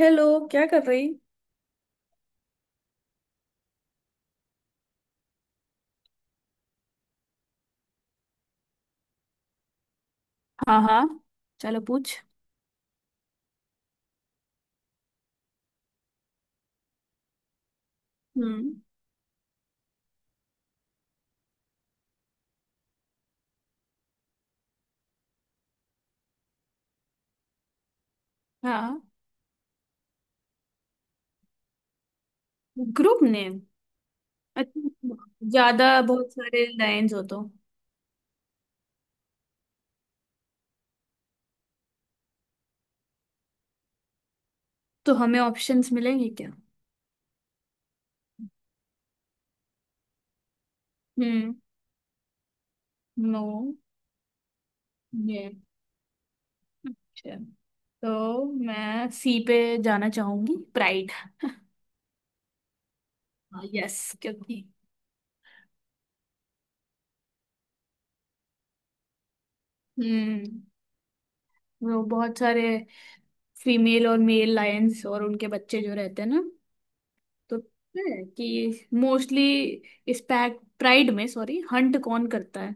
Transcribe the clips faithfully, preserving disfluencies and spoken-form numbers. Hello. क्या कर रही। हाँ, हाँ, चलो पूछ। हम्म। हाँ। Group name. अच्छा। ज्यादा बहुत सारे लाइंस हो तो। तो हमें ऑप्शंस मिलेंगे क्या? हम्म। नो। ये। अच्छा। तो मैं सी पे जाना चाहूंगी, प्राइड। यस। क्योंकि। हम्म। वो बहुत सारे फीमेल और मेल लायंस और उनके बच्चे जो रहते हैं ना, तो पता है कि मोस्टली इस पैक प्राइड में, सॉरी, हंट कौन करता है।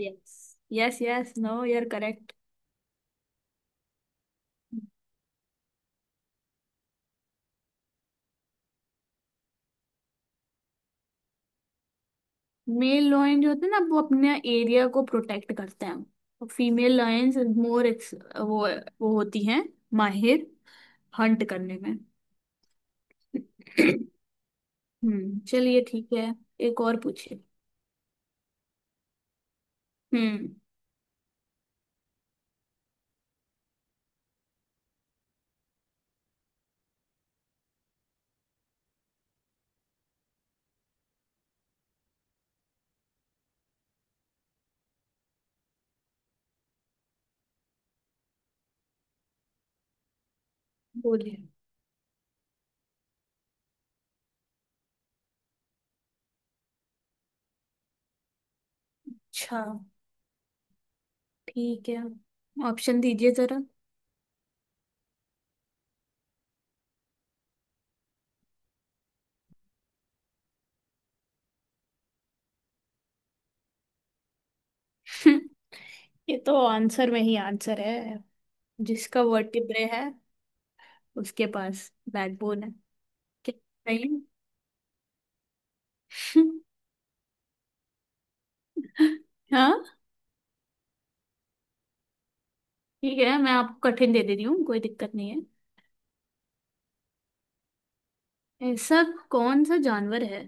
यस, यस, यस, नो यार, करेक्ट। मेल लॉयन जो होते हैं ना वो अपने एरिया को प्रोटेक्ट करते हैं। और फीमेल लॉयंस मोर वो वो होती हैं माहिर हंट करने में। हम्म, चलिए ठीक है। एक और पूछिए। हम्म। बोलिए। अच्छा ठीक है। ऑप्शन दीजिए जरा। ये तो आंसर में ही आंसर है। जिसका वर्टिब्रे है, उसके पास बैकबोन है। क्या सही है? हाँ, ठीक है, मैं आपको कठिन दे दे रही हूँ, कोई दिक्कत नहीं। है ऐसा। कौन सा जानवर है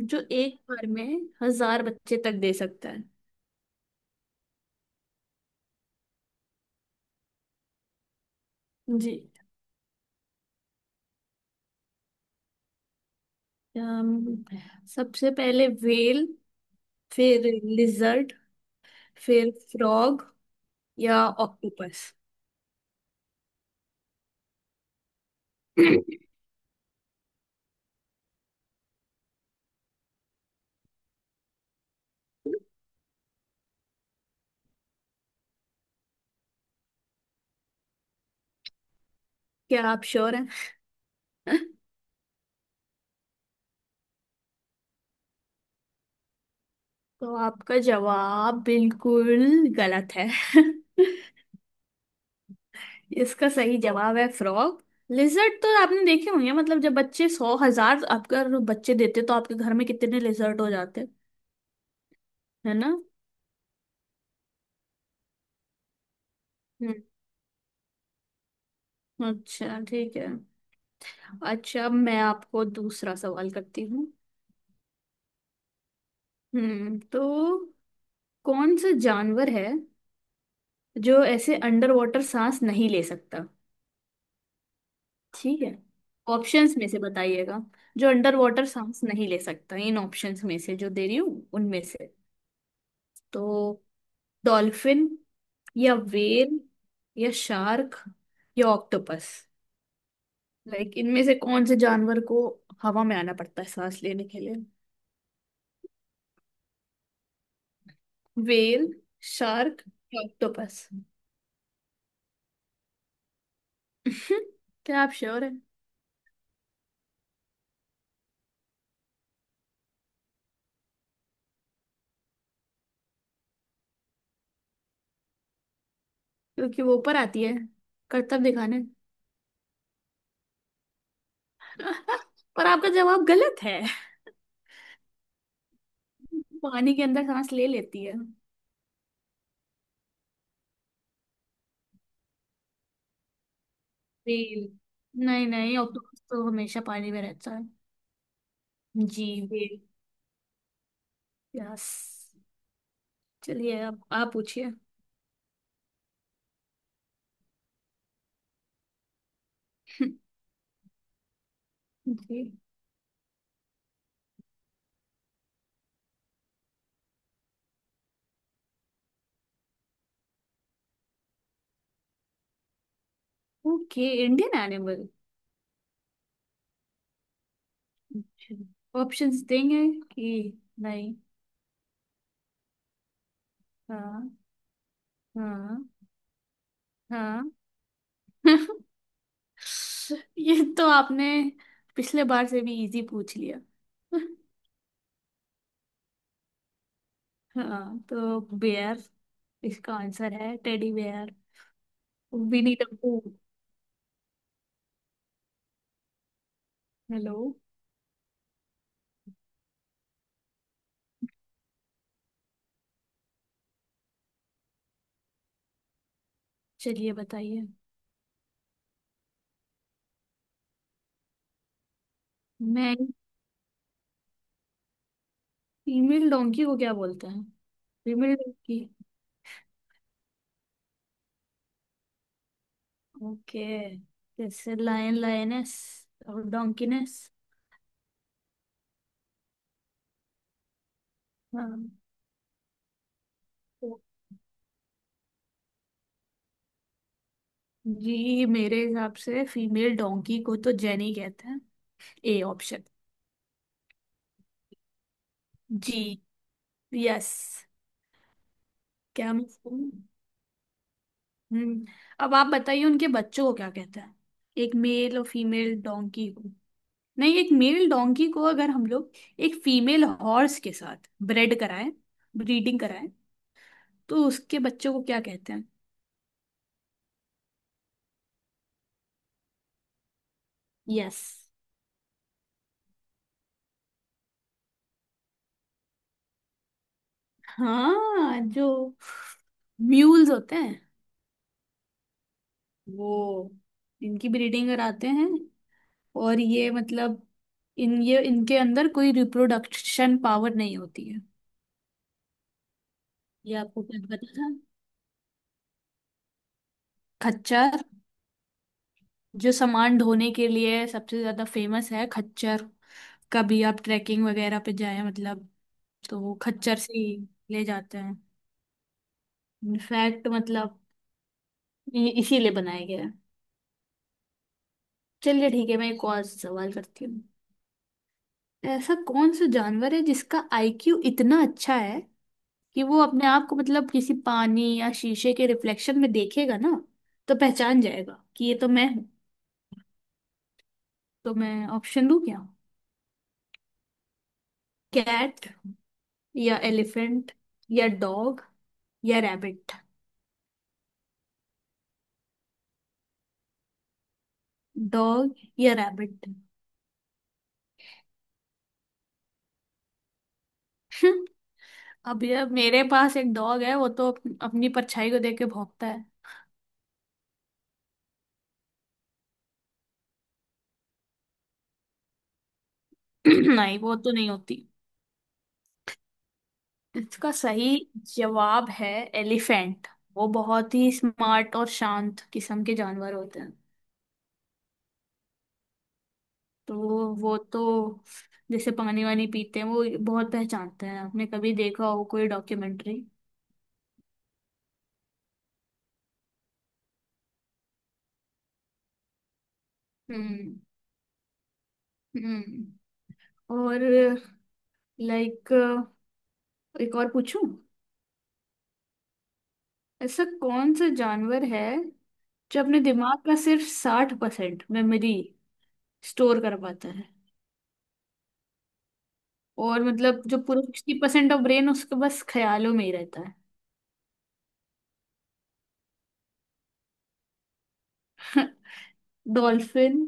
जो एक बार में हजार बच्चे तक दे सकता है? जी। अम, सबसे पहले व्हेल, फिर लिजर्ड, फिर फ्रॉग, या ऑक्टोपस। क्या आप श्योर हैं? तो आपका जवाब बिल्कुल गलत है। इसका सही जवाब है फ्रॉग। लिजर्ट तो आपने देखे होंगे, मतलब जब बच्चे सौ हजार अगर बच्चे देते तो आपके घर में कितने लिजर्ट हो जाते। है ना? हम्म। अच्छा ठीक है। अच्छा, अब मैं आपको दूसरा सवाल करती हूँ। हम्म तो कौन सा जानवर है जो ऐसे अंडर वाटर सांस नहीं ले सकता? ठीक है, ऑप्शंस में से बताइएगा। जो अंडर वाटर सांस नहीं ले सकता, इन ऑप्शंस में से जो दे रही हूँ उनमें से। तो डॉल्फिन, या व्हेल, या शार्क, या ऑक्टोपस। लाइक इनमें से कौन से जानवर को हवा में आना पड़ता है सांस लेने के लिए? व्हेल, शार्क या ऑक्टोपस। क्या आप श्योर हैं? क्योंकि वो ऊपर आती है करतब दिखाने। पर आपका जवाब गलत है। पानी के अंदर सांस ले लेती है। व्हेल। नहीं, नहीं, ऑक्टोपस तो हमेशा पानी में रहता है। जी, व्हेल। यस। चलिए अब आप पूछिए। जी। Okay Indian animal. ऑप्शंस देंगे कि नहीं? हाँ, हाँ, हाँ। ये तो आपने पिछले बार से भी इजी पूछ लिया। हाँ, तो बेयर। इसका आंसर है टेडी बेयर। विनी टप्पू। हेलो। चलिए बताइए। मैं फीमेल डोंकी को क्या बोलते हैं? Female donkey. ओके। जैसे लायन, लायनेस, और डोंकीनेस। हाँ, तो जी मेरे हिसाब से फीमेल डोंकी को तो जेनी कहते हैं। A option. जी। यस। क्या मैं सही हूँ? हम्म। अब आप बताइए उनके बच्चों को क्या कहते हैं। एक मेल और फीमेल डोंकी को। नहीं, एक मेल डोंकी को अगर हम लोग एक फीमेल हॉर्स के साथ ब्रेड कराएं, ब्रीडिंग कराएं, तो उसके बच्चों को क्या कहते हैं? यस। हाँ, जो म्यूल्स होते हैं वो इनकी ब्रीडिंग कराते हैं। और ये मतलब इन ये इनके अंदर कोई रिप्रोडक्शन पावर नहीं होती है। ये आपको कुछ पता था? खच्चर, जो सामान ढोने के लिए सबसे ज्यादा फेमस है, खच्चर। कभी आप ट्रैकिंग वगैरह पे जाए मतलब, तो वो खच्चर से ही ले जाते हैं। इनफैक्ट मतलब ये इसीलिए बनाया गया है। चलिए ठीक है, मैं एक और सवाल करती हूँ। ऐसा कौन सा जानवर है जिसका आईक्यू इतना अच्छा है कि वो अपने आप को, मतलब किसी पानी या शीशे के रिफ्लेक्शन में देखेगा ना, तो पहचान जाएगा कि ये तो मैं हूँ? तो मैं ऑप्शन दूं क्या? कैट, या एलिफेंट, या डॉग, या रैबिट। डॉग या रैबिट। अब यार मेरे पास एक डॉग है, वो तो अप- अपनी परछाई को देख के भौंकता है। नहीं, वो तो नहीं होती। इसका सही जवाब है एलिफेंट। वो बहुत ही स्मार्ट और शांत किस्म के जानवर होते हैं। तो वो तो जैसे पानी वानी पीते हैं वो बहुत पहचानते हैं, आपने कभी देखा हो कोई डॉक्यूमेंट्री। हम्म। हम्म। और लाइक एक और पूछूं? ऐसा कौन सा जानवर है जो अपने दिमाग का सिर्फ साठ परसेंट मेमोरी स्टोर कर पाता है, और मतलब जो पूरा सिक्सटी परसेंट ऑफ ब्रेन उसके बस ख्यालों में ही रहता है? Dolphin,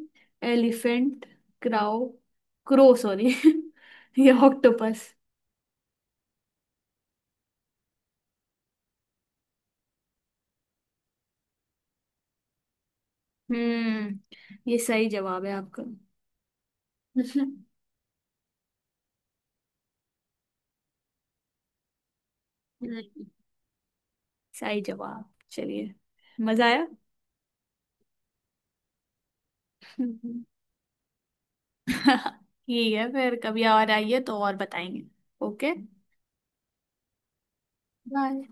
elephant, crow, crow sorry, या ऑक्टोपस। हम्म। ये सही जवाब है आपका। हम्म, सही जवाब, चलिए। मजा आया। हम्म। ठीक है, फिर कभी और आइए तो और बताएंगे। ओके। बाय।